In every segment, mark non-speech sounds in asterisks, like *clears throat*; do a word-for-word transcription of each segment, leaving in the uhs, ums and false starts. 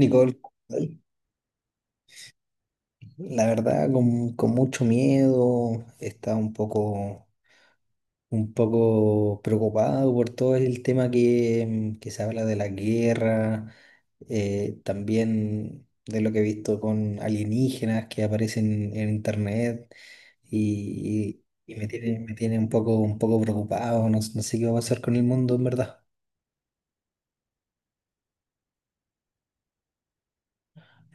Nicole, la verdad, con, con mucho miedo, estaba un poco, un poco preocupado por todo el tema que, que se habla de la guerra, eh, también de lo que he visto con alienígenas que aparecen en internet y, y- y me tiene, me tiene un poco, un poco preocupado, no, no sé qué va a pasar con el mundo en verdad.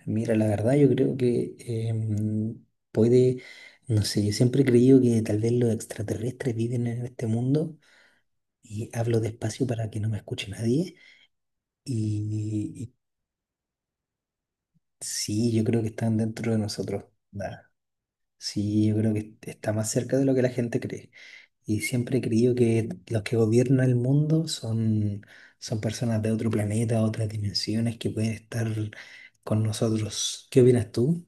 Mira, la verdad yo creo que em, puede, no sé, yo siempre he creído que tal vez los extraterrestres viven en este mundo y hablo despacio para que no me escuche nadie y, y sí, yo creo que están dentro de nosotros. Da. Sí, yo creo que est- está más cerca de lo que la gente cree y siempre he creído que los que gobiernan el mundo son, son personas de otro planeta, otras dimensiones que pueden estar con nosotros. ¿Qué opinas tú?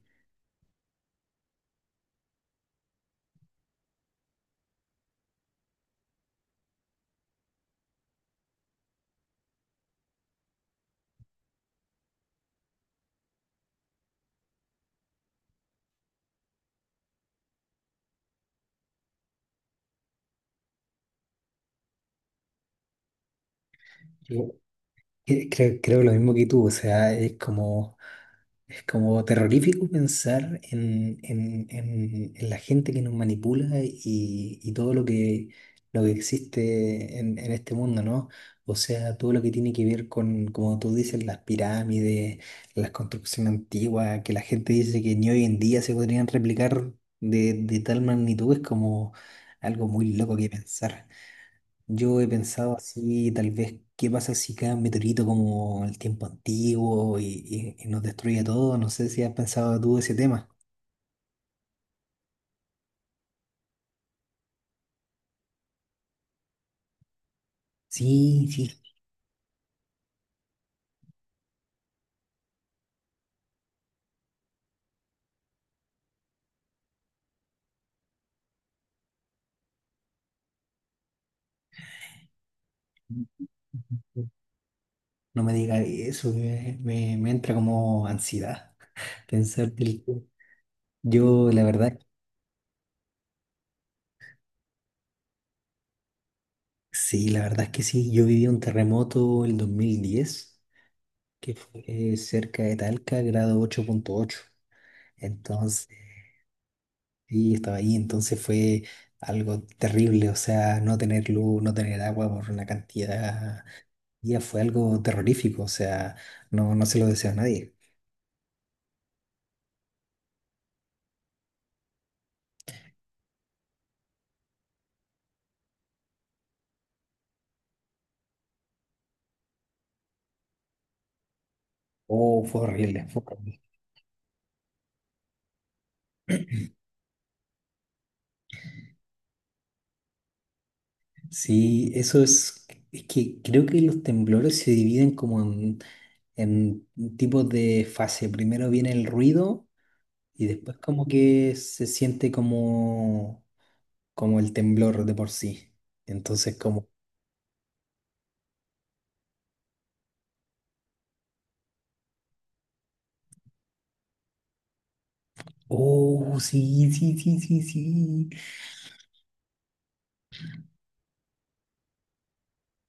Eh, Creo, creo lo mismo que tú, o sea, es como, es como terrorífico pensar en, en, en- en la gente que nos manipula y, y todo lo que, lo que existe en, en este mundo, ¿no? O sea, todo lo que tiene que ver con, como tú dices, las pirámides, las construcciones antiguas, que la gente dice que ni hoy en día se podrían replicar de, de tal magnitud, es como algo muy loco que pensar. Yo he pensado así, tal vez, ¿qué pasa si cae un meteorito como el tiempo antiguo y, y- y nos destruye todo? No sé si has pensado tú ese tema. Sí, sí. No me digas eso, me, me- me entra como ansiedad pensar del... Yo, la verdad, sí, la verdad es que sí. Yo viví un terremoto el dos mil diez, que fue cerca de Talca, grado ocho punto ocho. Entonces... Y estaba ahí, entonces fue algo terrible, o sea, no tener luz, no tener agua por una cantidad de días fue algo terrorífico, o sea, no, no se lo deseo a nadie. Oh, fue horrible, fue horrible. Sí, eso es, es que creo que los temblores se dividen como en, en tipos de fase. Primero viene el ruido y después como que se siente como, como el temblor de por sí. Entonces como, oh, sí, sí, sí, sí, sí.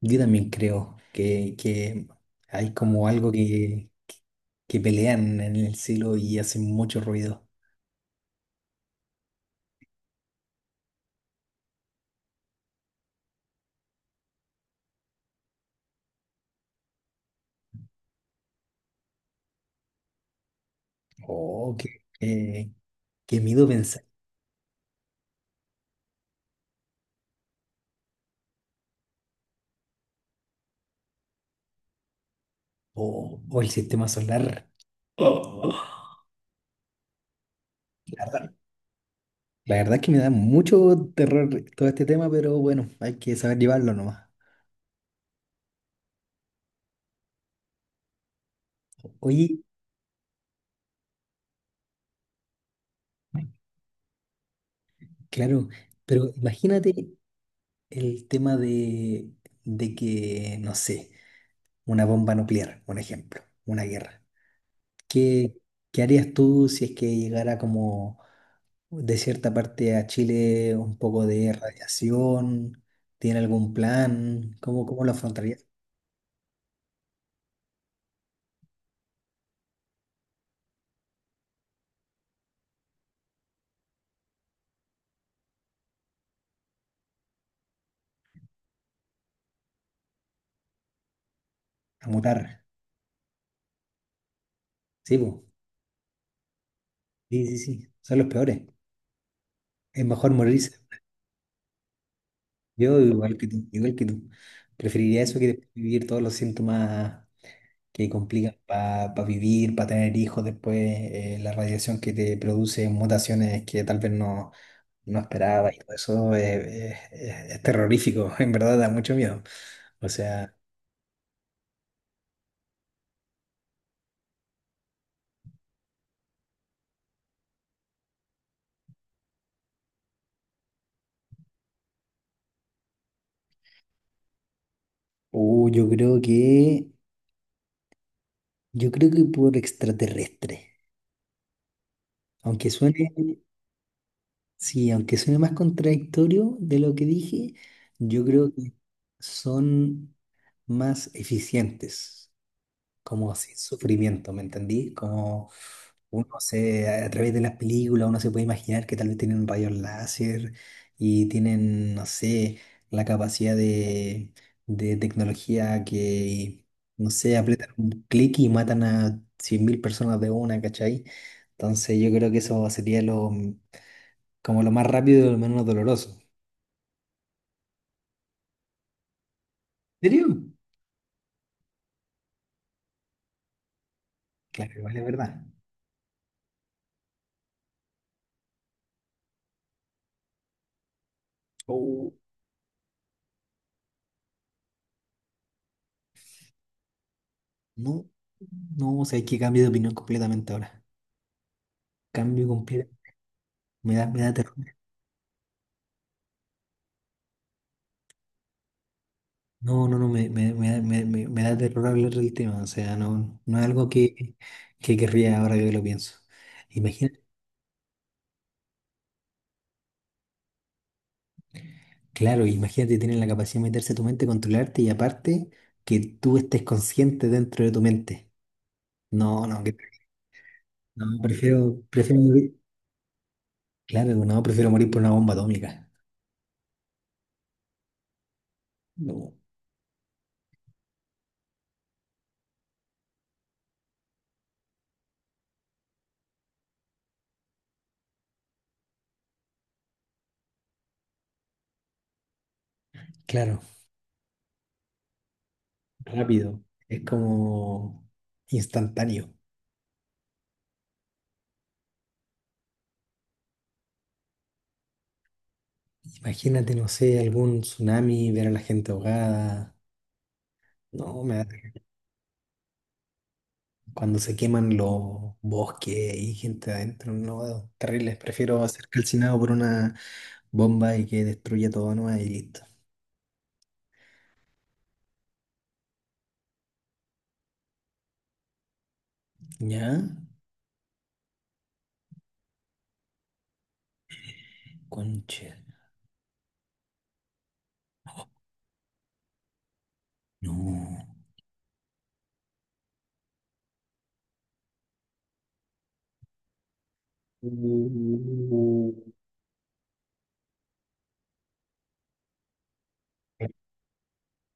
Yo también creo que, que hay como algo que, que, que pelean en el cielo y hacen mucho ruido. Oh, qué, qué, qué miedo pensar. O o el sistema solar. Oh, la verdad, la verdad es que me da mucho terror todo este tema, pero bueno, hay que saber llevarlo nomás. Oye, claro, pero imagínate el tema de, de que, no sé, una bomba nuclear, un ejemplo, una guerra. ¿Qué, qué harías tú si es que llegara como de cierta parte a Chile un poco de radiación? ¿Tiene algún plan? ¿Cómo, cómo lo afrontarías? A mutar. Sí, po. Sí, sí, sí. Son los peores. Es mejor morirse. Yo igual que tú, igual que tú. Preferiría eso que después vivir todos los síntomas que complican para vivir, para tener hijos después, eh, la radiación que te produce mutaciones que tal vez no, no esperaba y todo eso es, es- es- es terrorífico, *laughs* en verdad da mucho miedo. O sea, uh, yo creo que, yo creo que por extraterrestre. Aunque suene, sí, aunque suene más contradictorio de lo que dije, yo creo que son más eficientes. Como sin sufrimiento, ¿me entendí? Como uno se, a través de las películas, uno se puede imaginar que tal vez tienen rayos láser y tienen, no sé, la capacidad de, de tecnología que, no sé, apretan un clic y matan a cien mil personas de una, ¿cachai? Entonces yo creo que eso sería lo, como lo más rápido y lo menos doloroso. ¿En serio? Claro, igual es verdad. Oh. No, no, o sea, hay que cambiar de opinión completamente ahora. Cambio completamente. Me da, me da terror. No, no, no, me, me, me da me- me- me da terror hablar del tema. O sea, no, no es algo que, que querría ahora que lo pienso. Imagínate, claro, imagínate tener la capacidad de meterse a tu mente, controlarte y aparte que tú estés consciente dentro de tu mente. No, no, que- no, prefiero, prefiero morir. Claro, no, prefiero morir por una bomba atómica. No, claro, rápido. Es como instantáneo. Imagínate, no sé, algún tsunami, ver a la gente ahogada. No, me da cuando se queman los bosques y gente adentro, no, terribles. Prefiero ser calcinado por una bomba y que destruya todo nomás y listo. ¿Ya? Conche. No. Uh.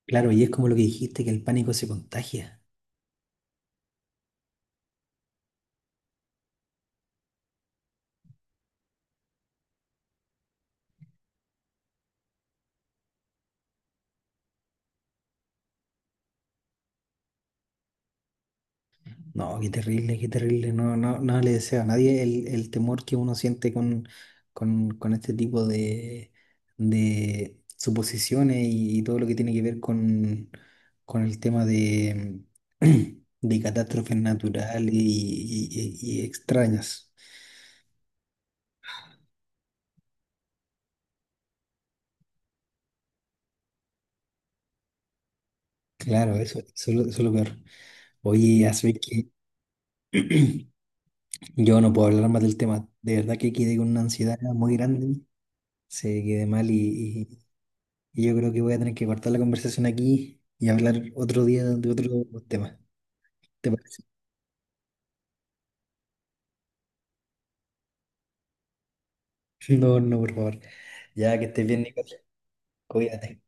Claro, y es como lo que dijiste, que el pánico se contagia. No, qué terrible, qué terrible. No, no, no le deseo a nadie el, el temor que uno siente con, con, con este tipo de, de suposiciones y, y todo lo que tiene que ver con, con el tema de, *clears throat* de catástrofes naturales y, y- y- y extrañas. Claro, eso, eso, es lo eso es lo peor. Oye, así que *clears throat* yo no puedo hablar más del tema. De verdad que quedé con una ansiedad muy grande. Se quedé mal y Y yo creo que voy a tener que cortar la conversación aquí y hablar otro día de otro tema. ¿Te parece? *laughs* No, no, por favor. Ya que estés bien, Nicole. Cuídate.